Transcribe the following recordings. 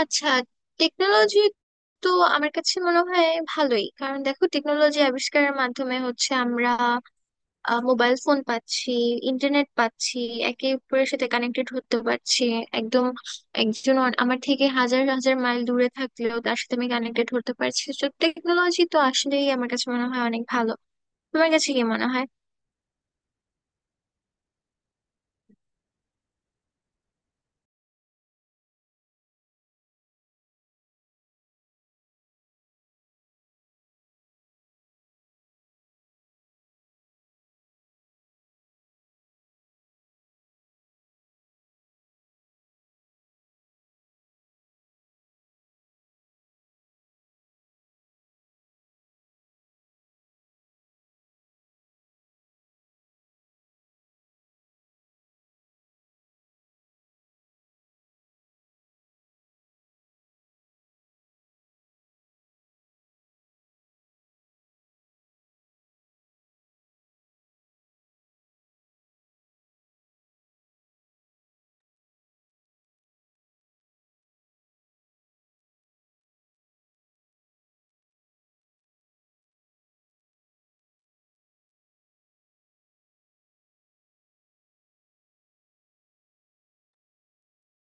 আচ্ছা, টেকনোলজি তো আমার কাছে মনে হয় ভালোই। কারণ দেখো, টেকনোলজি আবিষ্কারের মাধ্যমে হচ্ছে আমরা মোবাইল ফোন পাচ্ছি, ইন্টারনেট পাচ্ছি, একে অপরের সাথে কানেক্টেড হতে পারছি। একদম আমার থেকে হাজার হাজার মাইল দূরে থাকলেও তার সাথে আমি কানেক্টেড হতে পারছি। তো টেকনোলজি তো আসলেই আমার কাছে মনে হয় অনেক ভালো। তোমার কাছে কি মনে হয়?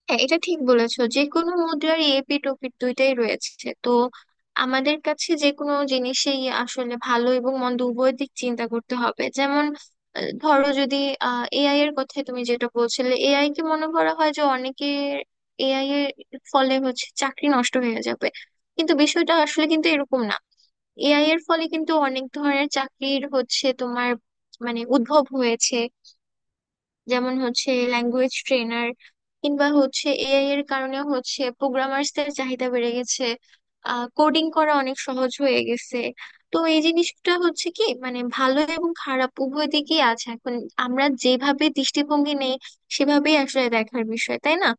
হ্যাঁ, এটা ঠিক বলেছো যে কোনো মুদ্রারই এপিঠ ওপিঠ দুইটাই রয়েছে। তো আমাদের কাছে যে কোনো জিনিসেই আসলে ভালো এবং মন্দ উভয় দিক চিন্তা করতে হবে। যেমন ধরো যদি এআই এর কথা তুমি যেটা বলছিলে, এআই কে মনে করা হয় যে অনেকে এআই এর ফলে হচ্ছে চাকরি নষ্ট হয়ে যাবে। কিন্তু বিষয়টা আসলে কিন্তু এরকম না। এআই এর ফলে কিন্তু অনেক ধরনের চাকরির হচ্ছে তোমার মানে উদ্ভব হয়েছে। যেমন হচ্ছে ল্যাঙ্গুয়েজ ট্রেনার, কিংবা হচ্ছে এআই এর কারণে হচ্ছে প্রোগ্রামার্সদের চাহিদা বেড়ে গেছে, কোডিং করা অনেক সহজ হয়ে গেছে। তো এই জিনিসটা হচ্ছে কি, মানে ভালো এবং খারাপ উভয় দিকেই আছে। এখন আমরা যেভাবে দৃষ্টিভঙ্গি নেই সেভাবেই আসলে দেখার বিষয়, তাই না?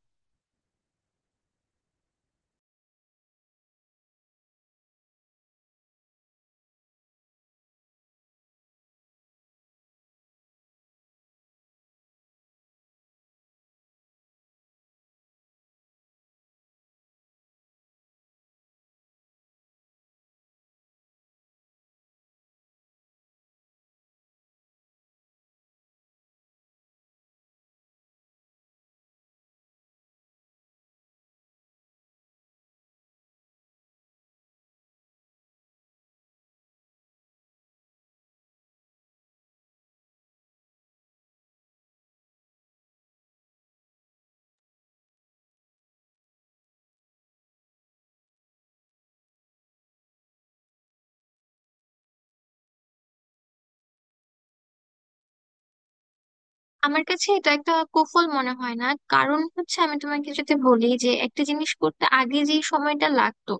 আমার কাছে এটা একটা কুফল মনে হয় না। কারণ হচ্ছে আমি তোমাকে যদি বলি যে একটা জিনিস করতে আগে যে সময়টা লাগতো,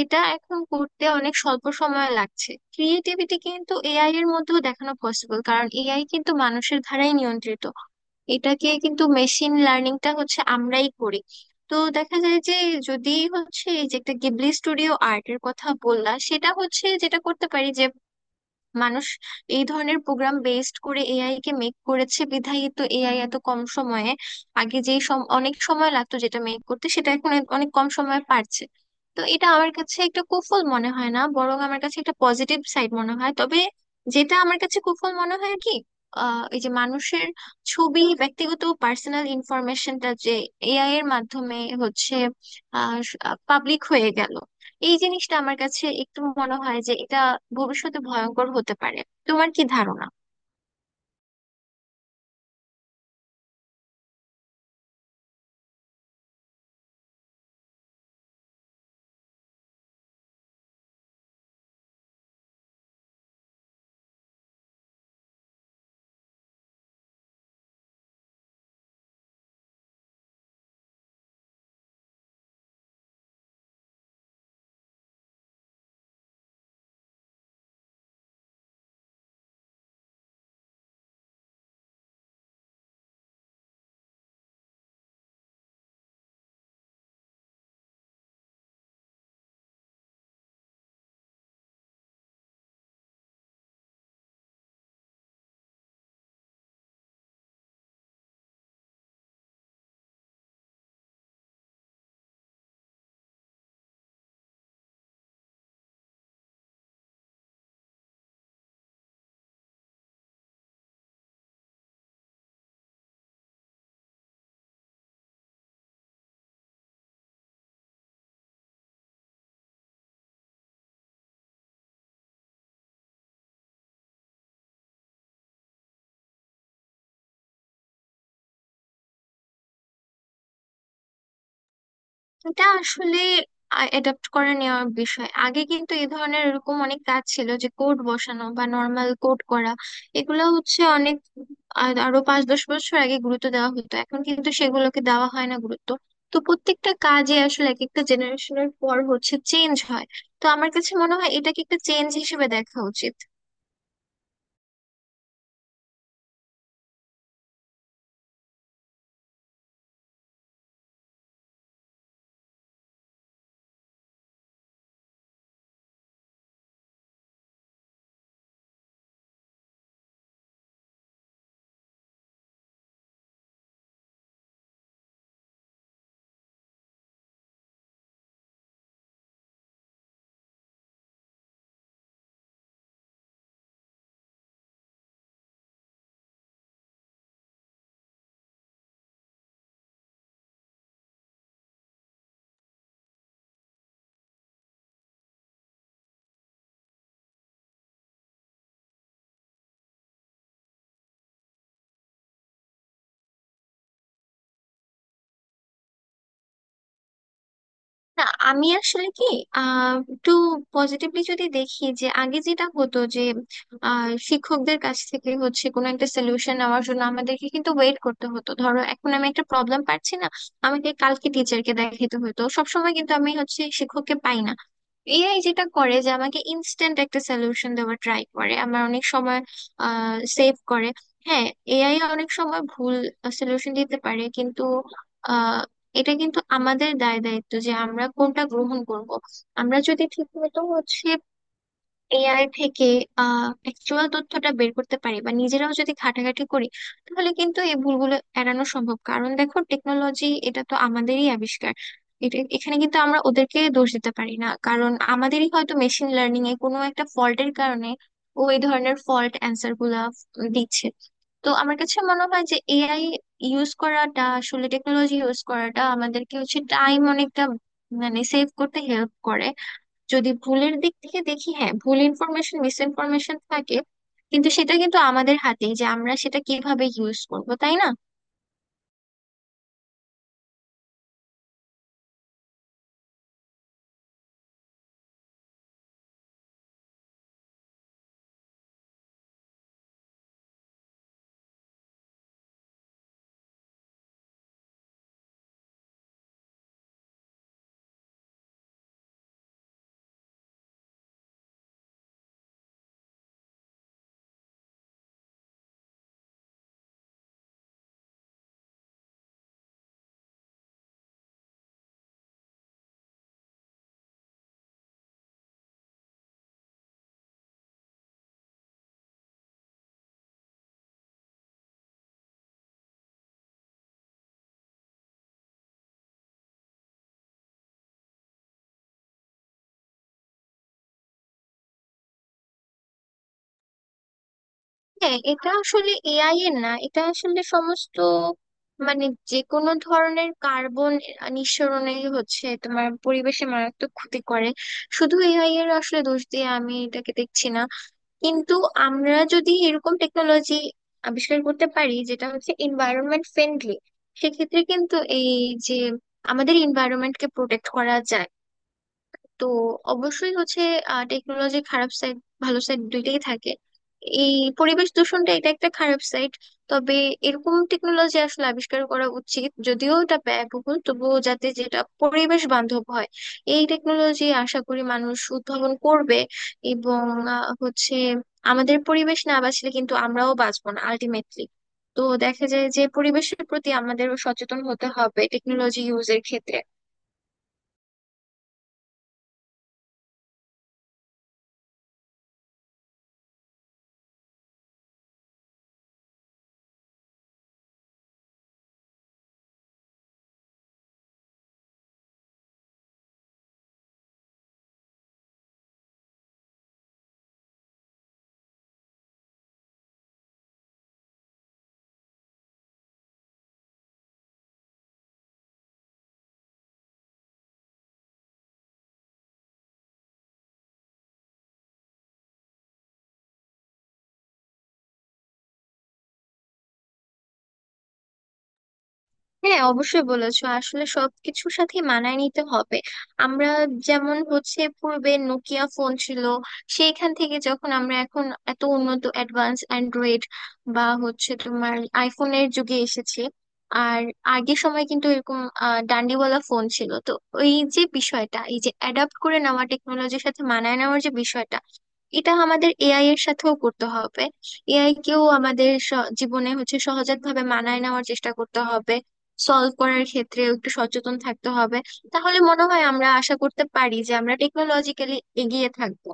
এটা এখন করতে অনেক স্বল্প সময় লাগছে। ক্রিয়েটিভিটি কিন্তু এআই এর মধ্যেও দেখানো পসিবল, কারণ এআই কিন্তু মানুষের দ্বারাই নিয়ন্ত্রিত। এটাকে কিন্তু মেশিন লার্নিংটা হচ্ছে আমরাই করি। তো দেখা যায় যে, যদি হচ্ছে এই যে একটা গিবলি স্টুডিও আর্টের কথা বললা, সেটা হচ্ছে যেটা করতে পারি যে মানুষ এই ধরনের প্রোগ্রাম বেসড করে এআই কে মেক করেছে বিধায় তো এআই এত কম সময়ে, আগে যেই সম অনেক সময় লাগতো যেটা মেক করতে, সেটা এখন অনেক কম সময়ে পারছে। তো এটা আমার কাছে একটা কুফল মনে হয় না, বরং আমার কাছে একটা পজিটিভ সাইড মনে হয়। তবে যেটা আমার কাছে কুফল মনে হয় কি, এই যে মানুষের ছবি, ব্যক্তিগত পার্সোনাল ইনফরমেশনটা যে এআই এর মাধ্যমে হচ্ছে আহ পাবলিক হয়ে গেল, এই জিনিসটা আমার কাছে একটু মনে হয় যে এটা ভবিষ্যতে ভয়ঙ্কর হতে পারে। তোমার কি ধারণা? এটা আসলে অ্যাডাপ্ট করে নেওয়ার বিষয়। আগে কিন্তু এই ধরনের এরকম অনেক কাজ ছিল যে কোড বসানো বা নর্মাল কোড করা, এগুলো হচ্ছে অনেক আরো 5-10 বছর আগে গুরুত্ব দেওয়া হতো, এখন কিন্তু সেগুলোকে দেওয়া হয় না গুরুত্ব। তো প্রত্যেকটা কাজে আসলে এক একটা জেনারেশনের পর হচ্ছে চেঞ্জ হয়। তো আমার কাছে মনে হয় এটাকে একটা চেঞ্জ হিসেবে দেখা উচিত। না, আমি আসলে কি, আহ, একটু পজিটিভলি যদি দেখি, যে আগে যেটা হতো যে শিক্ষকদের কাছ থেকে হচ্ছে কোনো একটা সলিউশন নেওয়ার জন্য আমাদেরকে কিন্তু ওয়েট করতে হতো। ধরো এখন আমি একটা প্রবলেম পাচ্ছি না, আমাকে কালকে টিচারকে দেখাতে হতো। সবসময় কিন্তু আমি হচ্ছে শিক্ষককে পাই না। এআই যেটা করে যে আমাকে ইনস্ট্যান্ট একটা সলিউশন দেওয়ার ট্রাই করে, আমার অনেক সময় সেভ করে। হ্যাঁ, এআই অনেক সময় ভুল সলিউশন দিতে পারে, কিন্তু এটা কিন্তু আমাদের দায় দায়িত্ব যে আমরা কোনটা গ্রহণ করব। আমরা যদি ঠিক মতো হচ্ছে এআই থেকে আহ, অ্যাকচুয়াল তথ্যটা বের করতে পারি বা নিজেরাও যদি ঘাটাঘাটি করি, তাহলে কিন্তু এই ভুলগুলো এড়ানো সম্ভব। কারণ দেখো, টেকনোলজি এটা তো আমাদেরই আবিষ্কার। এটা এখানে কিন্তু আমরা ওদেরকে দোষ দিতে পারি না, কারণ আমাদেরই হয়তো মেশিন লার্নিং এ কোনো একটা ফল্টের কারণে ও এই ধরনের ফল্ট অ্যান্সার গুলা দিচ্ছে। তো আমার কাছে মনে হয় যে এআই ইউজ করাটা, আসলে টেকনোলজি ইউজ করাটা আমাদেরকে হচ্ছে টাইম অনেকটা মানে সেভ করতে হেল্প করে। যদি ভুলের দিক থেকে দেখি, হ্যাঁ, ভুল ইনফরমেশন, মিস ইনফরমেশন থাকে, কিন্তু সেটা কিন্তু আমাদের হাতেই যে আমরা সেটা কিভাবে ইউজ করব, তাই না? হ্যাঁ, এটা আসলে এআই এর না, এটা আসলে সমস্ত, মানে যে কোনো ধরনের কার্বন নিঃসরণেই হচ্ছে তোমার পরিবেশে মারাত্মক ক্ষতি করে। শুধু এআই এর আসলে দোষ দিয়ে আমি এটাকে দেখছি না। কিন্তু আমরা যদি এরকম টেকনোলজি আবিষ্কার করতে পারি যেটা হচ্ছে এনভায়রনমেন্ট ফ্রেন্ডলি, সেক্ষেত্রে কিন্তু এই যে আমাদের এনভায়রনমেন্টকে প্রোটেক্ট করা যায়। তো অবশ্যই হচ্ছে টেকনোলজির খারাপ সাইড, ভালো সাইড দুইটাই থাকে। এই পরিবেশ দূষণটা, এটা একটা খারাপ সাইড। তবে এরকম টেকনোলজি আসলে আবিষ্কার করা উচিত, যদিও এটা ব্যয়বহুল, তবুও যাতে যেটা পরিবেশ বান্ধব হয় এই টেকনোলজি আশা করি মানুষ উদ্ভাবন করবে। এবং হচ্ছে আমাদের পরিবেশ না বাঁচলে কিন্তু আমরাও বাঁচবো না আলটিমেটলি। তো দেখা যায় যে পরিবেশের প্রতি আমাদেরও সচেতন হতে হবে টেকনোলজি ইউজের ক্ষেত্রে। হ্যাঁ, অবশ্যই বলেছো, আসলে সবকিছুর সাথে মানায় নিতে হবে আমরা। যেমন হচ্ছে পূর্বে নোকিয়া ফোন ছিল, সেইখান থেকে যখন আমরা এখন এত উন্নত অ্যাডভান্স অ্যান্ড্রয়েড বা হচ্ছে তোমার আইফোনের যুগে এসেছি। আর আগের সময় কিন্তু এরকম ডান্ডিওয়ালা ফোন ছিল। তো এই যে বিষয়টা, এই যে অ্যাডাপ্ট করে নেওয়া টেকনোলজির সাথে মানায় নেওয়ার যে বিষয়টা, এটা আমাদের এআই এর সাথেও করতে হবে। এআই কেও আমাদের জীবনে হচ্ছে সহজাত ভাবে মানায় নেওয়ার চেষ্টা করতে হবে, সলভ করার ক্ষেত্রে একটু সচেতন থাকতে হবে। তাহলে মনে হয় আমরা আশা করতে পারি যে আমরা টেকনোলজিক্যালি এগিয়ে থাকবো।